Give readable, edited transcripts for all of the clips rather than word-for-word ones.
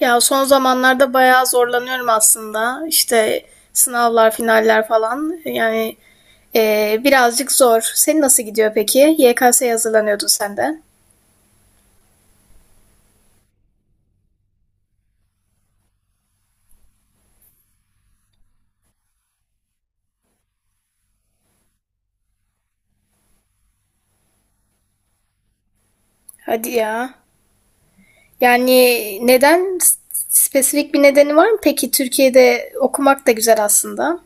Ya son zamanlarda bayağı zorlanıyorum aslında. İşte sınavlar, finaller falan. Birazcık zor. Senin nasıl gidiyor peki? YKS'ye hazırlanıyordun sen de. Hadi ya. Yani neden? Spesifik bir nedeni var mı peki? Türkiye'de okumak da güzel aslında.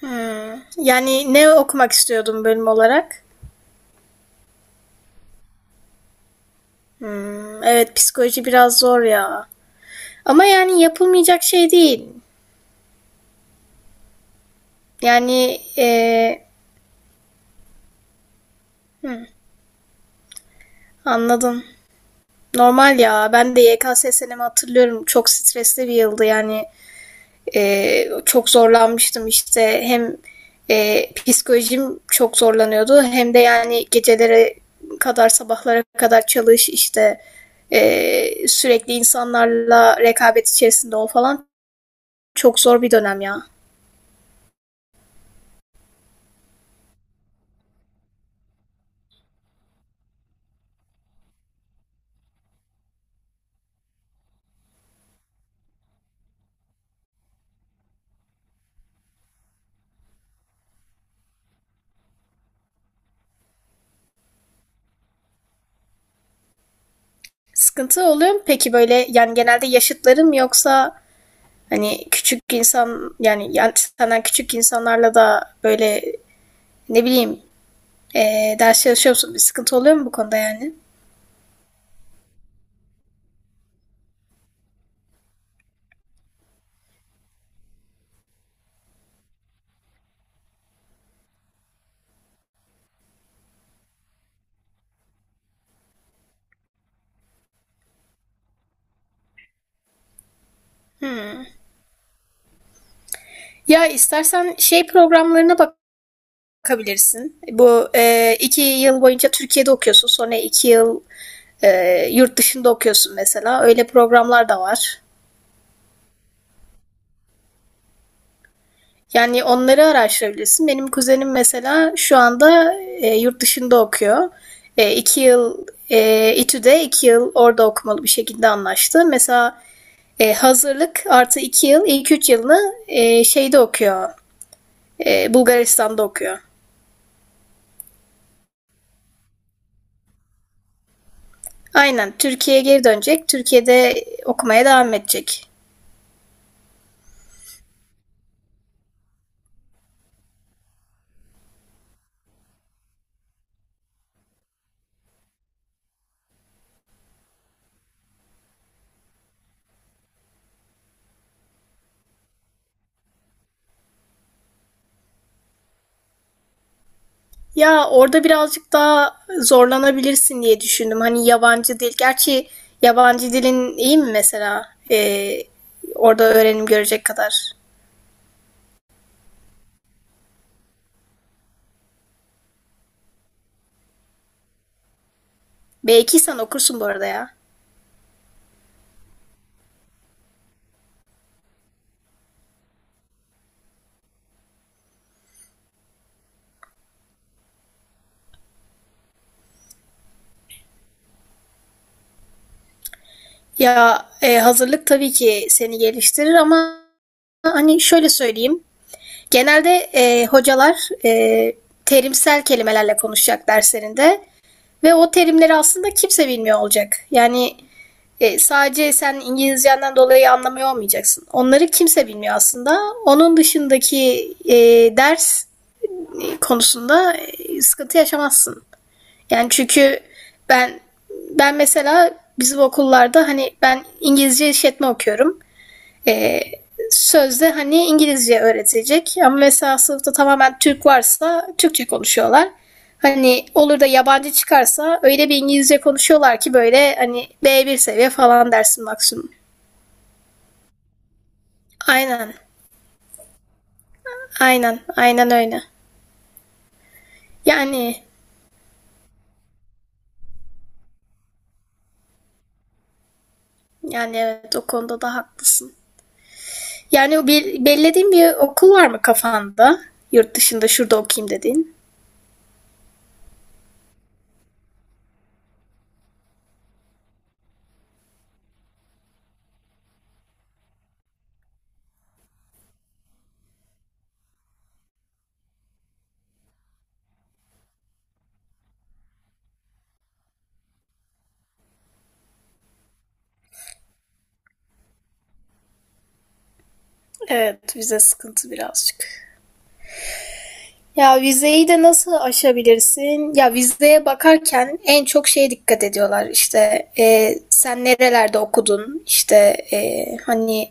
Hmm. Yani ne okumak istiyordun bölüm olarak? Hmm, evet psikoloji biraz zor ya. Ama yani yapılmayacak şey değil. Yani eee, Anladım. Normal ya. Ben de YKS senemi hatırlıyorum. Çok stresli bir yıldı yani. Çok zorlanmıştım işte. Hem psikolojim çok zorlanıyordu. Hem de yani gecelere kadar sabahlara kadar çalış işte sürekli insanlarla rekabet içerisinde ol falan. Çok zor bir dönem ya. Sıkıntı oluyor mu peki böyle yani genelde yaşıtlarım yoksa hani küçük insan yani, yani senden küçük insanlarla da böyle ne bileyim. Ders çalışıyor musun? Bir sıkıntı oluyor mu bu konuda yani? Hmm. Ya istersen şey programlarına bakabilirsin. Bu iki yıl boyunca Türkiye'de okuyorsun. Sonra iki yıl yurt dışında okuyorsun mesela. Öyle programlar da var. Yani onları araştırabilirsin. Benim kuzenim mesela şu anda yurt dışında okuyor. İki yıl İTÜ'de, iki yıl orada okumalı bir şekilde anlaştı. Mesela hazırlık artı iki yıl, ilk üç yılını şeyde okuyor. Bulgaristan'da okuyor. Aynen. Türkiye'ye geri dönecek. Türkiye'de okumaya devam edecek. Ya orada birazcık daha zorlanabilirsin diye düşündüm. Hani yabancı dil. Gerçi yabancı dilin iyi mi mesela? Orada öğrenim görecek kadar. B2 sen okursun bu arada ya. Ya hazırlık tabii ki seni geliştirir ama hani şöyle söyleyeyim. Genelde hocalar e, terimsel kelimelerle konuşacak derslerinde. Ve o terimleri aslında kimse bilmiyor olacak. Yani sadece sen İngilizcenden dolayı anlamıyor olmayacaksın. Onları kimse bilmiyor aslında. Onun dışındaki ders konusunda sıkıntı yaşamazsın. Yani çünkü ben ben mesela bizim okullarda hani ben İngilizce işletme okuyorum, e, sözde hani İngilizce öğretilecek ama mesela sınıfta tamamen Türk varsa Türkçe konuşuyorlar. Hani olur da yabancı çıkarsa öyle bir İngilizce konuşuyorlar ki böyle hani B1 seviye falan dersin maksimum. Aynen. Aynen. Aynen öyle. Yani yani evet o konuda da haklısın. Yani o bir, belirlediğin bir okul var mı kafanda? Yurt dışında şurada okuyayım dediğin. Evet vize sıkıntı birazcık. Ya vizeyi de nasıl aşabilirsin? Ya vizeye bakarken en çok şeye dikkat ediyorlar. İşte sen nerelerde okudun? İşte hani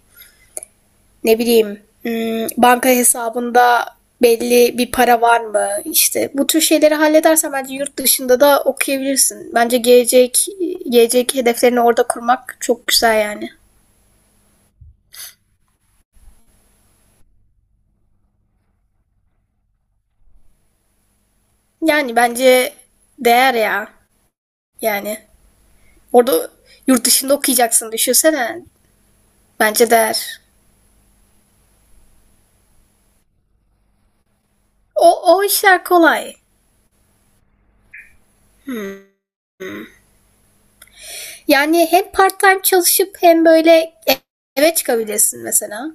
ne bileyim, hmm, banka hesabında belli bir para var mı? İşte bu tür şeyleri halledersen bence yurt dışında da okuyabilirsin. Bence gelecek hedeflerini orada kurmak çok güzel yani. Yani bence değer ya. Yani orada yurt dışında okuyacaksın düşünsene. Bence değer. O işler kolay. Hmm. Yani hem part time çalışıp hem böyle eve çıkabilirsin mesela.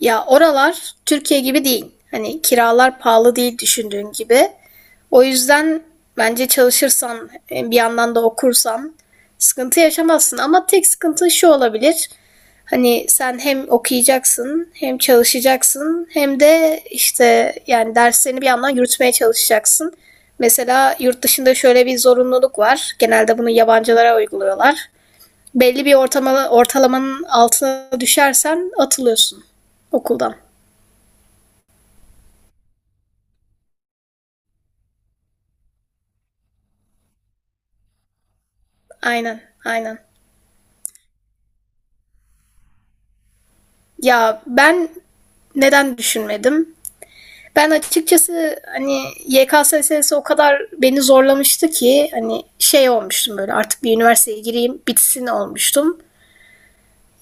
Ya oralar Türkiye gibi değil. Hani kiralar pahalı değil düşündüğün gibi. O yüzden bence çalışırsan, bir yandan da okursan sıkıntı yaşamazsın. Ama tek sıkıntı şu olabilir. Hani sen hem okuyacaksın, hem çalışacaksın, hem de işte yani derslerini bir yandan yürütmeye çalışacaksın. Mesela yurt dışında şöyle bir zorunluluk var. Genelde bunu yabancılara uyguluyorlar, belli bir ortalamanın altına düşersen atılıyorsun okuldan. Aynen, aynen. Ya ben neden düşünmedim? Ben açıkçası hani YKS meselesi o kadar beni zorlamıştı ki hani şey olmuştum böyle artık bir üniversiteye gireyim bitsin olmuştum.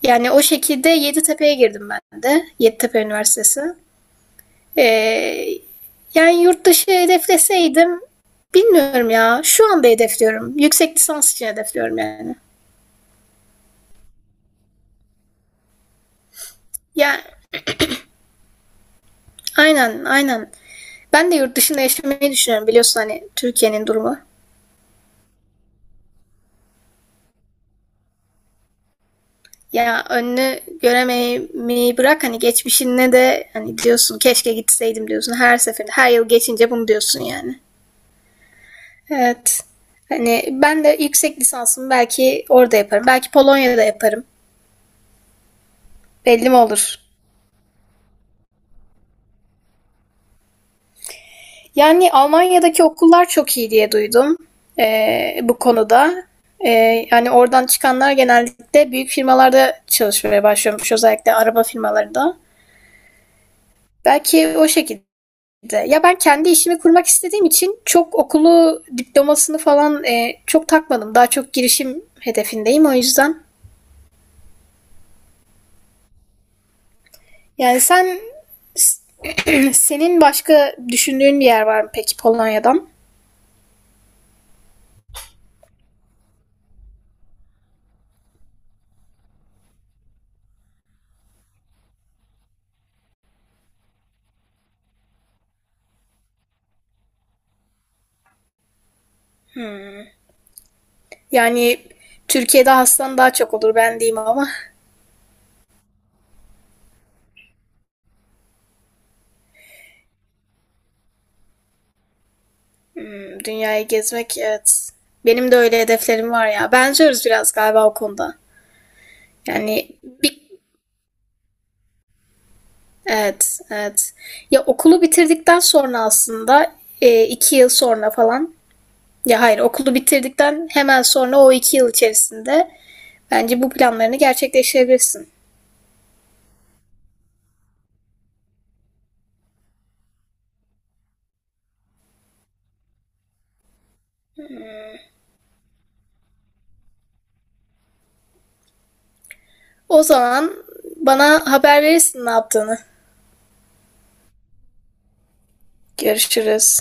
Yani o şekilde Yeditepe'ye girdim ben de. Yeditepe Üniversitesi. Ee, Yani yurt dışı hedefleseydim bilmiyorum ya. Şu anda hedefliyorum. Yüksek lisans için hedefliyorum yani. Ya aynen. Ben de yurt dışında yaşamayı düşünüyorum biliyorsun hani Türkiye'nin durumu. Ya önünü göremeyi bırak hani geçmişine de hani diyorsun keşke gitseydim diyorsun her seferinde her yıl geçince bunu diyorsun yani. Evet. Hani ben de yüksek lisansımı belki orada yaparım. Belki Polonya'da yaparım. Belli mi olur? Yani Almanya'daki okullar çok iyi diye duydum bu konuda. Yani oradan çıkanlar genellikle büyük firmalarda çalışmaya başlıyormuş, özellikle araba firmalarında. Belki o şekilde. Ya ben kendi işimi kurmak istediğim için çok okulu, diplomasını falan çok takmadım. Daha çok girişim hedefindeyim o yüzden. Yani sen senin başka düşündüğün bir yer var mı peki Polonya'dan? Hmm. Yani Türkiye'de hastan daha çok olur ben diyeyim ama. Hmm, dünyayı gezmek evet. Benim de öyle hedeflerim var ya. Benziyoruz biraz galiba o konuda. Yani bir, evet evet. Ya okulu bitirdikten sonra aslında iki yıl sonra falan. Ya hayır okulu bitirdikten hemen sonra o iki yıl içerisinde bence bu planlarını gerçekleştirebilirsin. O zaman bana haber verirsin ne yaptığını. Görüşürüz.